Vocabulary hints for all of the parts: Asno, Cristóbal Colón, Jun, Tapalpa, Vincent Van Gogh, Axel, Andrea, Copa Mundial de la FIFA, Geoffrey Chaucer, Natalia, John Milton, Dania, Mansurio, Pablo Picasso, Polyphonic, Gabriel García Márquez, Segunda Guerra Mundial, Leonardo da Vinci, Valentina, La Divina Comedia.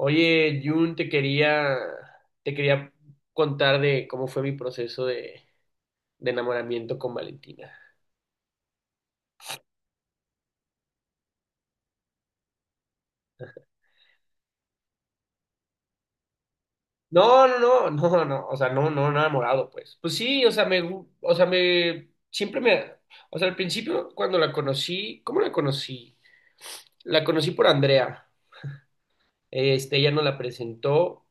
Oye, Jun, te quería contar de cómo fue mi proceso de enamoramiento con Valentina. No, no, no, no, no, o sea, no, no, no enamorado, pues. Pues sí, o sea, me, gu- o sea, me, siempre me, o sea, al principio cuando la conocí, ¿cómo la conocí? La conocí por Andrea, ella nos la presentó.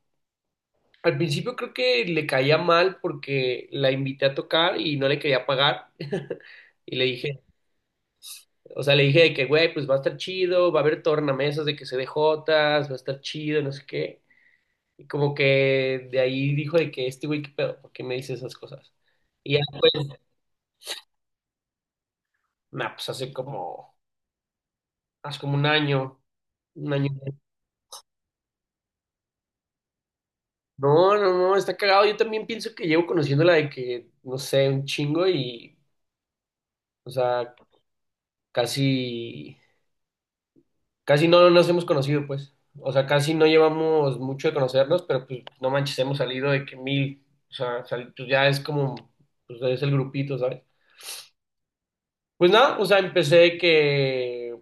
Al principio creo que le caía mal porque la invité a tocar y no le quería pagar. Y le le dije de que, güey, pues va a estar chido, va a haber tornamesas de que se dé jotas, va a estar chido, no sé qué. Y como que de ahí dijo de que este güey, ¿qué pedo? ¿Por qué me dice esas cosas? Y ya, nah, pues hace como un año, un año. No, no, no, está cagado. Yo también pienso que llevo conociéndola de que, no sé, un chingo y, o sea, casi. Casi no nos hemos conocido, pues. O sea, casi no llevamos mucho de conocernos, pero pues no manches, hemos salido de que mil. O sea, pues, ya es como, pues es el grupito, ¿sabes? Pues nada, o sea,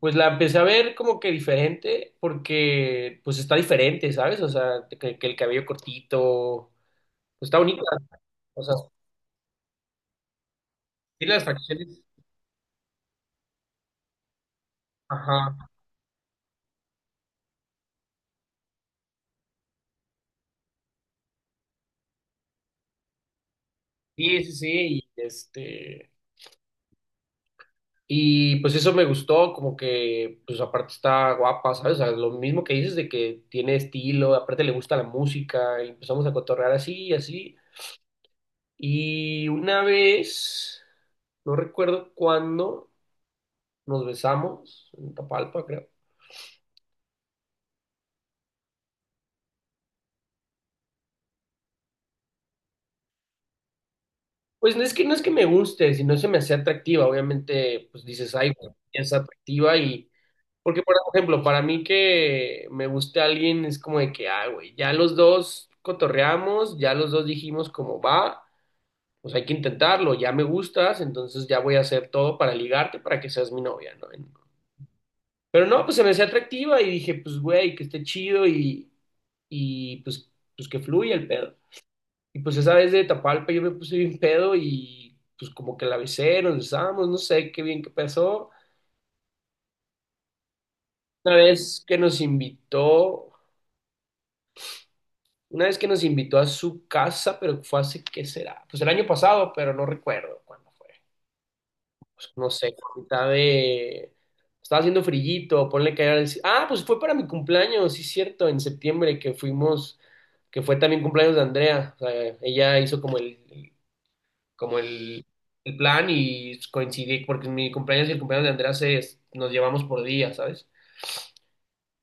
pues la empecé a ver como que diferente, porque pues está diferente, ¿sabes? O sea, que el cabello cortito, pues está bonita. O sea, sí las facciones. Ajá. Sí, sí, sí, y este... Y pues eso me gustó, como que, pues aparte está guapa, ¿sabes? O sea, lo mismo que dices de que tiene estilo, aparte le gusta la música, y empezamos a cotorrear así y así. Y una vez, no recuerdo cuándo, nos besamos, en Tapalpa, creo. Pues no es que me guste, sino se me hacía atractiva, obviamente, pues dices, ay, güey, es atractiva y porque, por ejemplo, para mí que me guste alguien es como de que, ah, güey, ya los dos cotorreamos, ya los dos dijimos cómo va, pues hay que intentarlo, ya me gustas, entonces ya voy a hacer todo para ligarte, para que seas mi novia, ¿no? Pero no, pues se me hacía atractiva y dije, pues, güey, que esté chido y, pues que fluya el pedo. Y pues esa vez de Tapalpa yo me puse bien pedo y pues como que la besé, nos besamos, no sé qué bien que pasó. Una vez que nos invitó. Una vez que nos invitó a su casa, pero fue hace, ¿qué será? Pues el año pasado, pero no recuerdo cuándo fue. Pues, no sé, a mitad de... Estaba haciendo frillito, ponle que era el... Ah, pues fue para mi cumpleaños, sí, cierto, en septiembre que fuimos, que fue también cumpleaños de Andrea. O sea, ella hizo como el plan y coincidí, porque mi cumpleaños y el cumpleaños de Andrea se, nos llevamos por día, ¿sabes?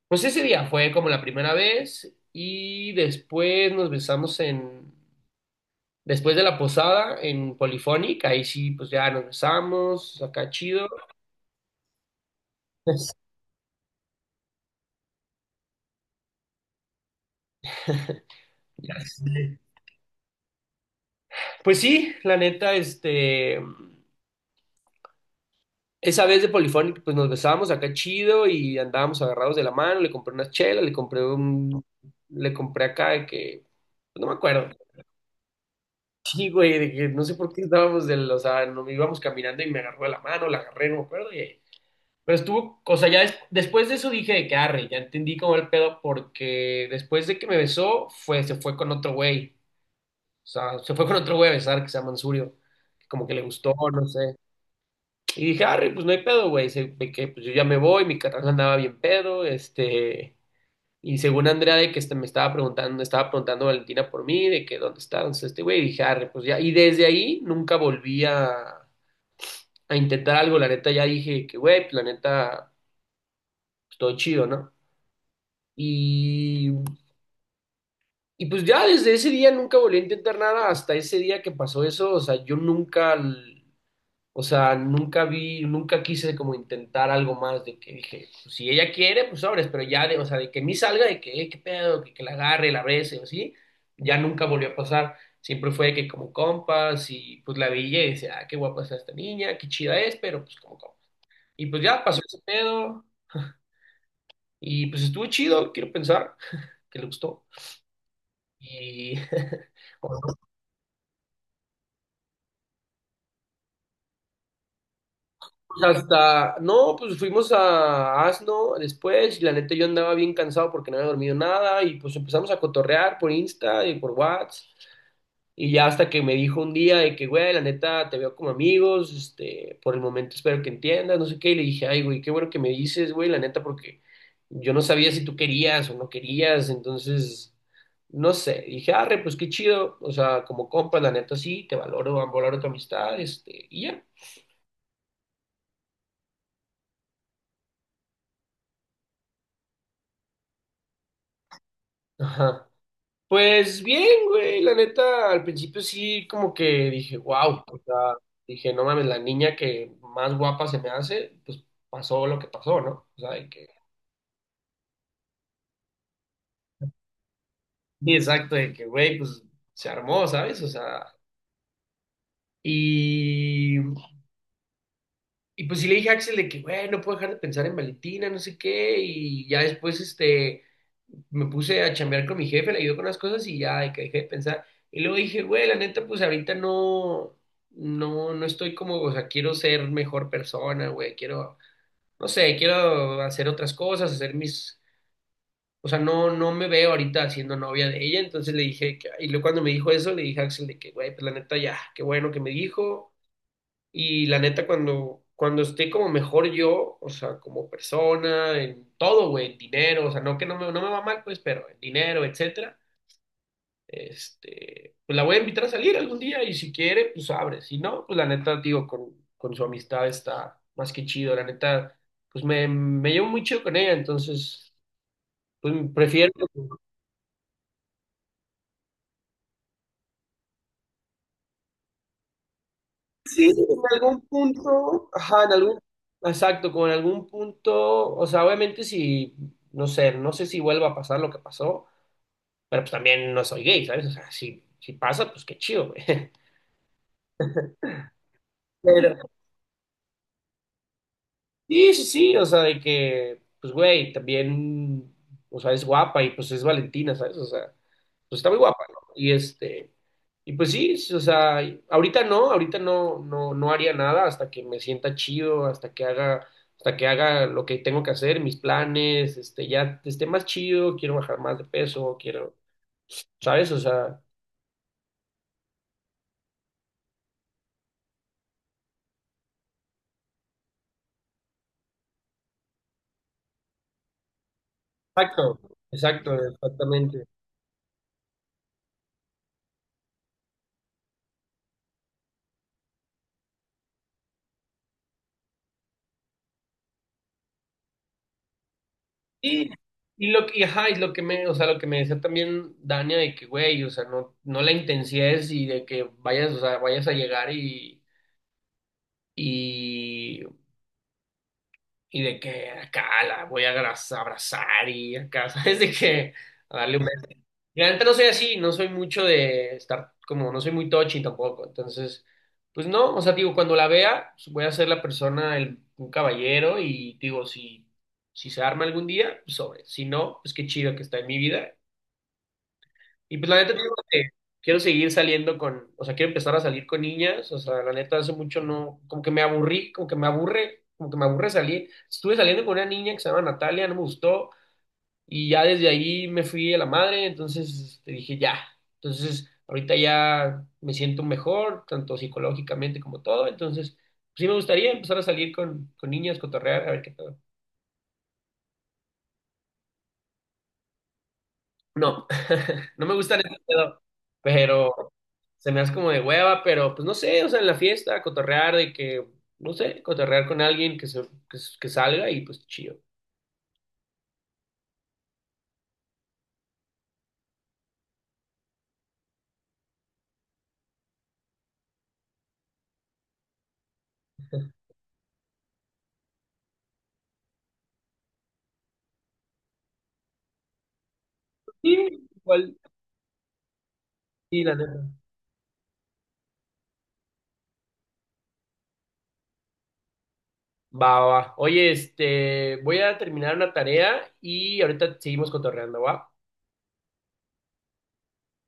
Pues ese día fue como la primera vez y después nos besamos en... Después de la posada en Polyphonic, ahí sí, pues ya nos besamos, acá chido. Pues, ya sé. Pues sí, la neta, esa vez de Polyphonic, pues nos besamos acá chido y andábamos agarrados de la mano, le compré unas chelas, le compré un, le compré acá de que, pues, no me acuerdo. Sí, güey, de que no sé por qué estábamos del, o sea, no, íbamos caminando y me agarró de la mano, la agarré, no me acuerdo, y pero estuvo, o sea, ya des- después de eso dije de que arre, ya entendí como el pedo porque después de que me besó, fue, se fue con otro güey. O sea, se fue con otro güey a besar que se llama Mansurio. Que como que le gustó, no sé. Y dije, arre, pues no hay pedo, güey. Se- de que pues yo ya me voy, mi carnal andaba bien pedo, este. Y según Andrea de que este, me estaba preguntando Valentina por mí, de que dónde está este güey, y dije, arre, pues ya. Y desde ahí nunca volví a intentar algo, la neta ya dije que, güey, pues la neta, pues, todo chido, ¿no? Y, y pues ya desde ese día nunca volví a intentar nada hasta ese día que pasó eso. O sea, yo nunca, l- o sea, nunca vi, nunca quise como intentar algo más de que dije, pues, si ella quiere, pues sobres, pero ya de, o sea, de que me salga, de que, qué pedo, que la agarre, la bese o así, ya nunca volvió a pasar. Siempre fue de que como compas y pues la veía y decía, ah, qué guapa está esta niña, qué chida es, pero pues como compas. Y pues ya pasó ese pedo y pues estuvo chido, quiero pensar que le gustó. Y fuimos hasta, no, pues fuimos a Asno después y la neta yo andaba bien cansado porque no había dormido nada y pues empezamos a cotorrear por Insta y por WhatsApp y ya hasta que me dijo un día de que, güey, la neta te veo como amigos, por el momento espero que entiendas, no sé qué, y le dije, ay, güey, qué bueno que me dices, güey, la neta porque yo no sabía si tú querías o no querías, entonces... No sé, dije, arre, pues qué chido, o sea, como compa, la neta sí, te valoro, valoro tu amistad, este, y ya. Ajá. Pues bien, güey, la neta, al principio sí como que dije, wow, o sea, dije, no mames, la niña que más guapa se me hace, pues pasó lo que pasó, ¿no? O sea, de que, sí, exacto, de que, güey, pues se armó, ¿sabes? O sea, y pues sí le dije a Axel de que, güey, no puedo dejar de pensar en Valentina, no sé qué, y ya después, me puse a chambear con mi jefe, le ayudó con las cosas y ya, de que dejé de pensar. Y luego dije, güey, la neta, pues ahorita no estoy como, o sea, quiero ser mejor persona, güey, quiero, no sé, quiero hacer otras cosas, hacer mis, o sea, no, no me veo ahorita siendo novia de ella, entonces le dije, que- y luego cuando me dijo eso, le dije a Axel de que, güey, pues la neta, ya, qué bueno que me dijo, y la neta, cuando esté como mejor yo, o sea, como persona, en todo, güey, en dinero, o sea, no me va mal, pues, pero en dinero, etcétera, este, pues la voy a invitar a salir algún día y si quiere, pues abre. Si no, pues la neta, digo, con su amistad está más que chido, la neta, pues me llevo muy chido con ella, entonces, pues prefiero. Sí, en algún punto, ajá, en algún, exacto, como en algún punto, o sea, obviamente si, no sé, no sé si vuelva a pasar lo que pasó, pero pues también no soy gay, ¿sabes? O sea, si, si pasa, pues qué chido, güey. Pero, sí, sí, sí, o sea, de que, pues, güey, también, o sea, es guapa y pues es Valentina, ¿sabes? O sea, pues está muy guapa, ¿no? Y y pues sí, sí, o sea, ahorita no, no, no haría nada hasta que me sienta chido, hasta que haga lo que tengo que hacer, mis planes, este, ya esté más chido, quiero bajar más de peso, quiero, ¿sabes? O sea, exacto, exacto, exactamente. Y, ajá, y lo que me, o sea, lo que me decía también Dania de que, güey, o sea, no, no la intensies y de que vayas a llegar y, y de que acá la voy a abraza- abrazar y acá, ¿sabes? De que a darle un beso. Y la neta no soy así, no soy mucho de estar como, no soy muy touchy tampoco, entonces, pues no, o sea, digo, cuando la vea, pues, voy a ser la persona, el, un caballero y digo, si se arma algún día, pues sobre, si no, pues qué chido que está en mi vida. Y pues la neta, te digo que quiero seguir saliendo con, o sea, quiero empezar a salir con niñas, o sea, la neta hace mucho no, como que me aburrí, como que me aburre salir. Estuve saliendo con una niña que se llama Natalia, no me gustó, y ya desde ahí me fui a la madre, entonces te dije ya. Entonces, ahorita ya me siento mejor, tanto psicológicamente como todo, entonces, pues, sí me gustaría empezar a salir con niñas, cotorrear, a ver qué tal. No, no me gustan ese pedo, pero se me hace como de hueva, pero pues no sé, o sea, en la fiesta, cotorrear de que, no sé, cotorrear con alguien que salga y pues chido. Sí, igual, sí, la neta. Va, va, va. Oye, este, voy a terminar una tarea y ahorita seguimos cotorreando, ¿va?